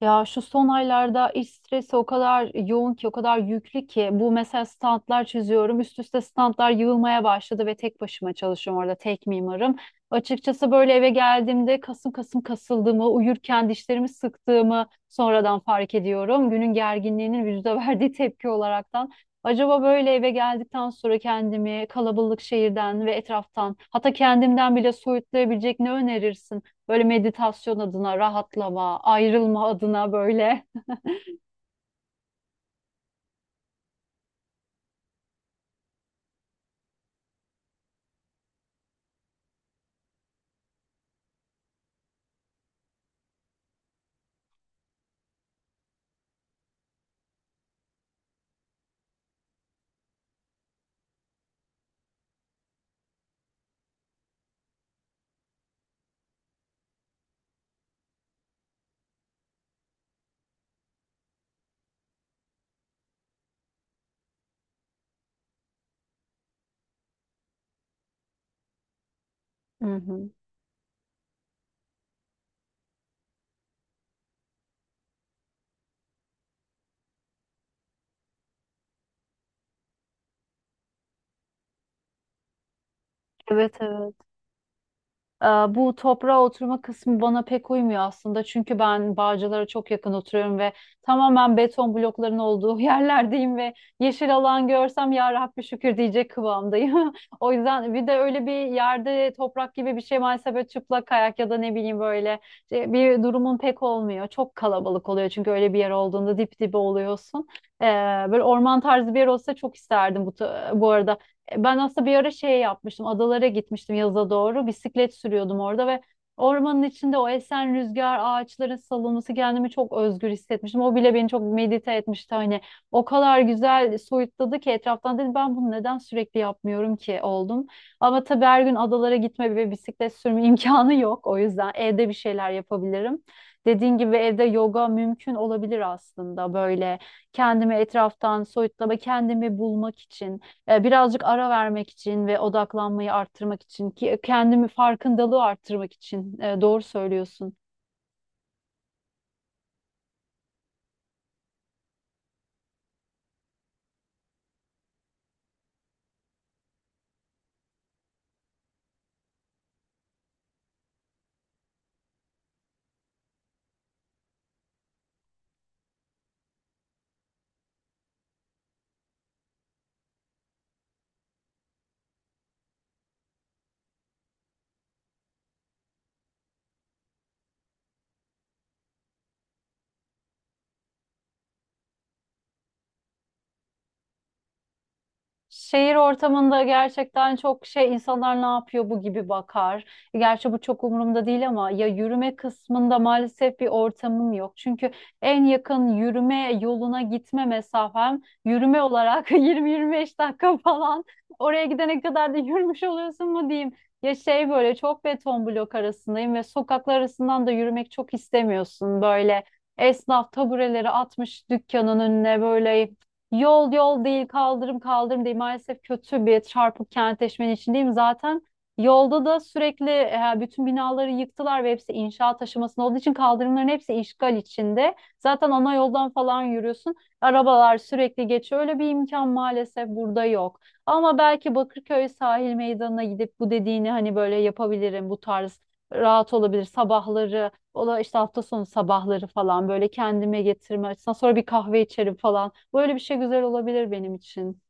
Ya şu son aylarda iş stresi o kadar yoğun ki, o kadar yüklü ki bu mesela standlar çiziyorum. Üst üste standlar yığılmaya başladı ve tek başıma çalışıyorum orada tek mimarım. Açıkçası böyle eve geldiğimde kasım kasım kasıldığımı, uyurken dişlerimi sıktığımı sonradan fark ediyorum. Günün gerginliğinin vücuda verdiği tepki olaraktan. Acaba böyle eve geldikten sonra kendimi kalabalık şehirden ve etraftan hatta kendimden bile soyutlayabilecek ne önerirsin? Böyle meditasyon adına, rahatlama, ayrılma adına böyle. Hı hı. Evet, evet. Ee, Bu toprağa oturma kısmı bana pek uymuyor aslında. Çünkü ben Bağcılar'a çok yakın oturuyorum ve tamamen beton blokların olduğu yerlerdeyim ve yeşil alan görsem ya Rabbi şükür diyecek kıvamdayım. O yüzden bir de öyle bir yerde toprak gibi bir şey maalesef böyle çıplak kayak ya da ne bileyim böyle bir durumun pek olmuyor. Çok kalabalık oluyor çünkü öyle bir yer olduğunda dip dibe oluyorsun. Ee, Böyle orman tarzı bir yer olsa çok isterdim bu, bu arada. Ben aslında bir ara şey yapmıştım. Adalara gitmiştim yaza doğru. Bisiklet sürüyordum orada ve ormanın içinde o esen rüzgar, ağaçların salınması kendimi çok özgür hissetmiştim. O bile beni çok medite etmişti. Hani o kadar güzel soyutladı ki etraftan dedim ben bunu neden sürekli yapmıyorum ki oldum. Ama tabii her gün adalara gitme ve bisiklet sürme imkanı yok. O yüzden evde bir şeyler yapabilirim. Dediğin gibi evde yoga mümkün olabilir aslında böyle kendimi etraftan soyutlama, kendimi bulmak için birazcık ara vermek için ve odaklanmayı arttırmak için ki kendimi farkındalığı arttırmak için doğru söylüyorsun. Şehir ortamında gerçekten çok şey insanlar ne yapıyor bu gibi bakar. Gerçi bu çok umurumda değil ama ya yürüme kısmında maalesef bir ortamım yok. Çünkü en yakın yürüme yoluna gitme mesafem yürüme olarak 20-25 dakika falan. Oraya gidene kadar da yürümüş oluyorsun mu diyeyim. Ya şey böyle çok beton blok arasındayım ve sokaklar arasından da yürümek çok istemiyorsun. Böyle esnaf tabureleri atmış dükkanın önüne böyle. Yol yol değil, kaldırım kaldırım değil. Maalesef kötü bir çarpık kentleşmenin içindeyim. Zaten yolda da sürekli bütün binaları yıktılar ve hepsi inşaat aşamasında olduğu için kaldırımların hepsi işgal içinde. Zaten ana yoldan falan yürüyorsun. Arabalar sürekli geçiyor. Öyle bir imkan maalesef burada yok. Ama belki Bakırköy sahil meydanına gidip bu dediğini hani böyle yapabilirim. Bu tarz rahat olabilir. Sabahları, ola işte hafta sonu sabahları falan böyle kendime getirme açısından sonra bir kahve içerim falan. Böyle bir şey güzel olabilir benim için.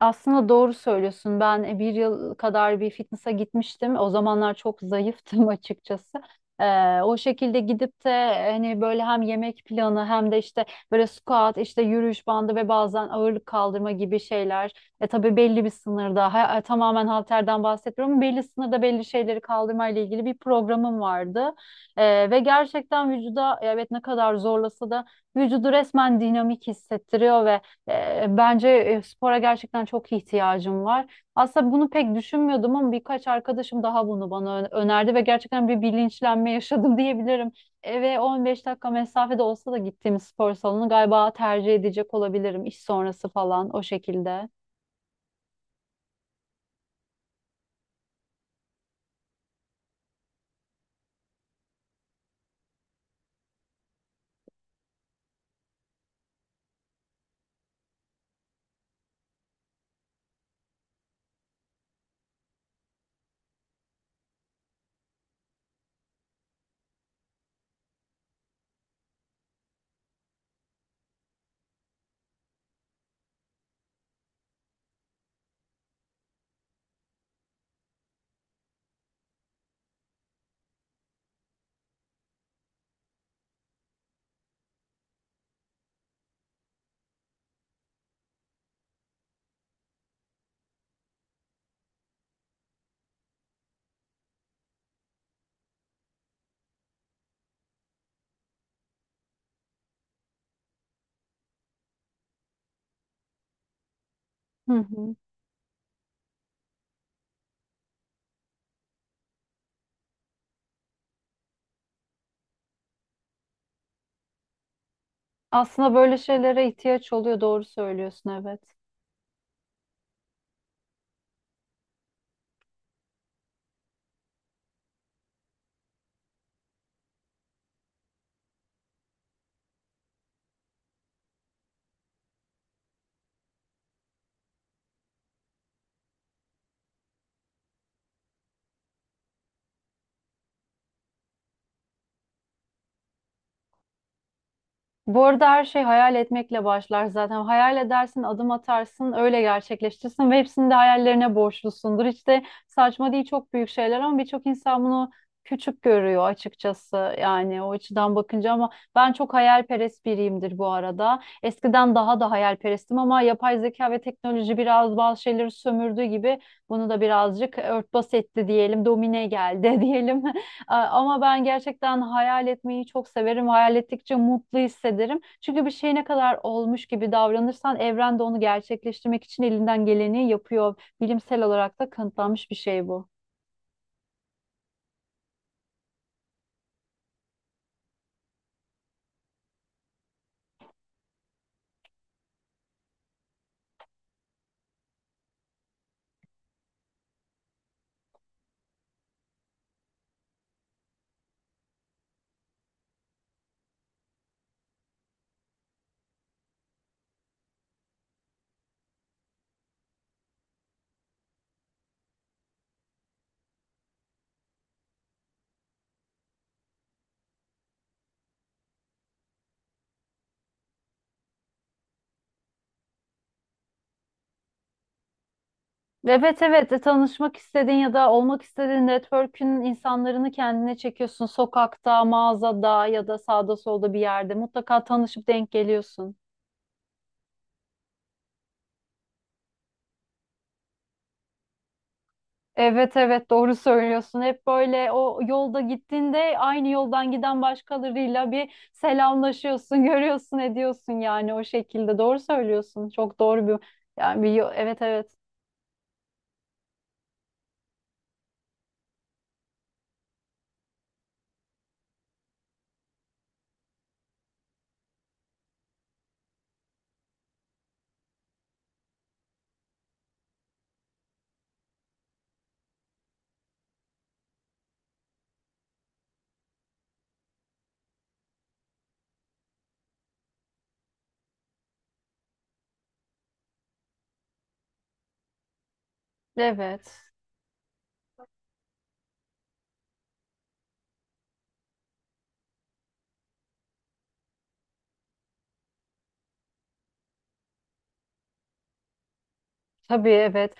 Aslında doğru söylüyorsun. Ben 1 yıl kadar bir fitness'a gitmiştim. O zamanlar çok zayıftım açıkçası. O şekilde gidip de hani böyle hem yemek planı hem de işte böyle squat, işte yürüyüş bandı ve bazen ağırlık kaldırma gibi şeyler. E tabii belli bir sınırda, tamamen halterden bahsetmiyorum. Belli sınırda belli şeyleri kaldırmayla ilgili bir programım vardı. Ve gerçekten vücuda evet ne kadar zorlasa da vücudu resmen dinamik hissettiriyor ve bence spora gerçekten çok ihtiyacım var. Aslında bunu pek düşünmüyordum ama birkaç arkadaşım daha bunu bana önerdi ve gerçekten bir bilinçlenme yaşadım diyebilirim. Eve 15 dakika mesafede olsa da gittiğim spor salonu galiba tercih edecek olabilirim iş sonrası falan o şekilde. Hı hı. Aslında böyle şeylere ihtiyaç oluyor, doğru söylüyorsun, evet. Bu arada her şey hayal etmekle başlar zaten. Hayal edersin, adım atarsın, öyle gerçekleştirsin ve hepsini de hayallerine borçlusundur. İşte saçma değil çok büyük şeyler ama birçok insan bunu küçük görüyor açıkçası. Yani o açıdan bakınca ama ben çok hayalperest biriyimdir bu arada. Eskiden daha da hayalperestim ama yapay zeka ve teknoloji biraz bazı şeyleri sömürdüğü gibi bunu da birazcık örtbas etti diyelim, domine geldi diyelim. Ama ben gerçekten hayal etmeyi çok severim. Hayal ettikçe mutlu hissederim. Çünkü bir şey ne kadar olmuş gibi davranırsan evren de onu gerçekleştirmek için elinden geleni yapıyor. Bilimsel olarak da kanıtlanmış bir şey bu. Evet, evet. Tanışmak istediğin ya da olmak istediğin network'ün insanlarını kendine çekiyorsun. Sokakta, mağazada ya da sağda solda bir yerde mutlaka tanışıp denk geliyorsun. Evet, evet, doğru söylüyorsun. Hep böyle o yolda gittiğinde aynı yoldan giden başkalarıyla bir selamlaşıyorsun, görüyorsun, ediyorsun yani o şekilde. Doğru söylüyorsun. Çok doğru bir yani bir evet, evet. Evet. Tabii, evet.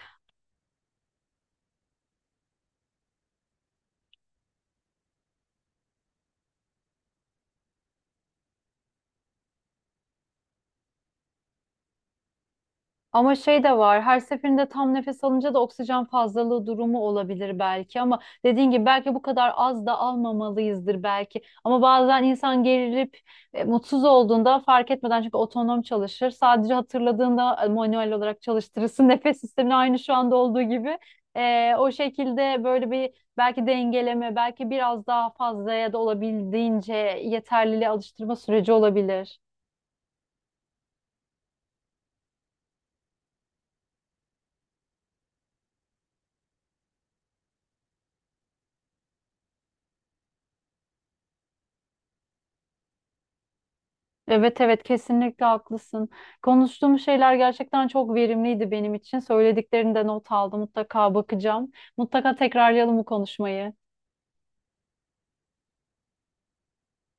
Ama şey de var, her seferinde tam nefes alınca da oksijen fazlalığı durumu olabilir belki ama dediğin gibi belki bu kadar az da almamalıyızdır belki. Ama bazen insan gerilip mutsuz olduğunda fark etmeden çünkü otonom çalışır. Sadece hatırladığında manuel olarak çalıştırırsın nefes sistemini aynı şu anda olduğu gibi. O şekilde böyle bir belki dengeleme belki biraz daha fazla ya da olabildiğince yeterliliğe alıştırma süreci olabilir. Evet, evet, kesinlikle haklısın. Konuştuğum şeyler gerçekten çok verimliydi benim için. Söylediklerini de not aldım. Mutlaka bakacağım. Mutlaka tekrarlayalım bu konuşmayı.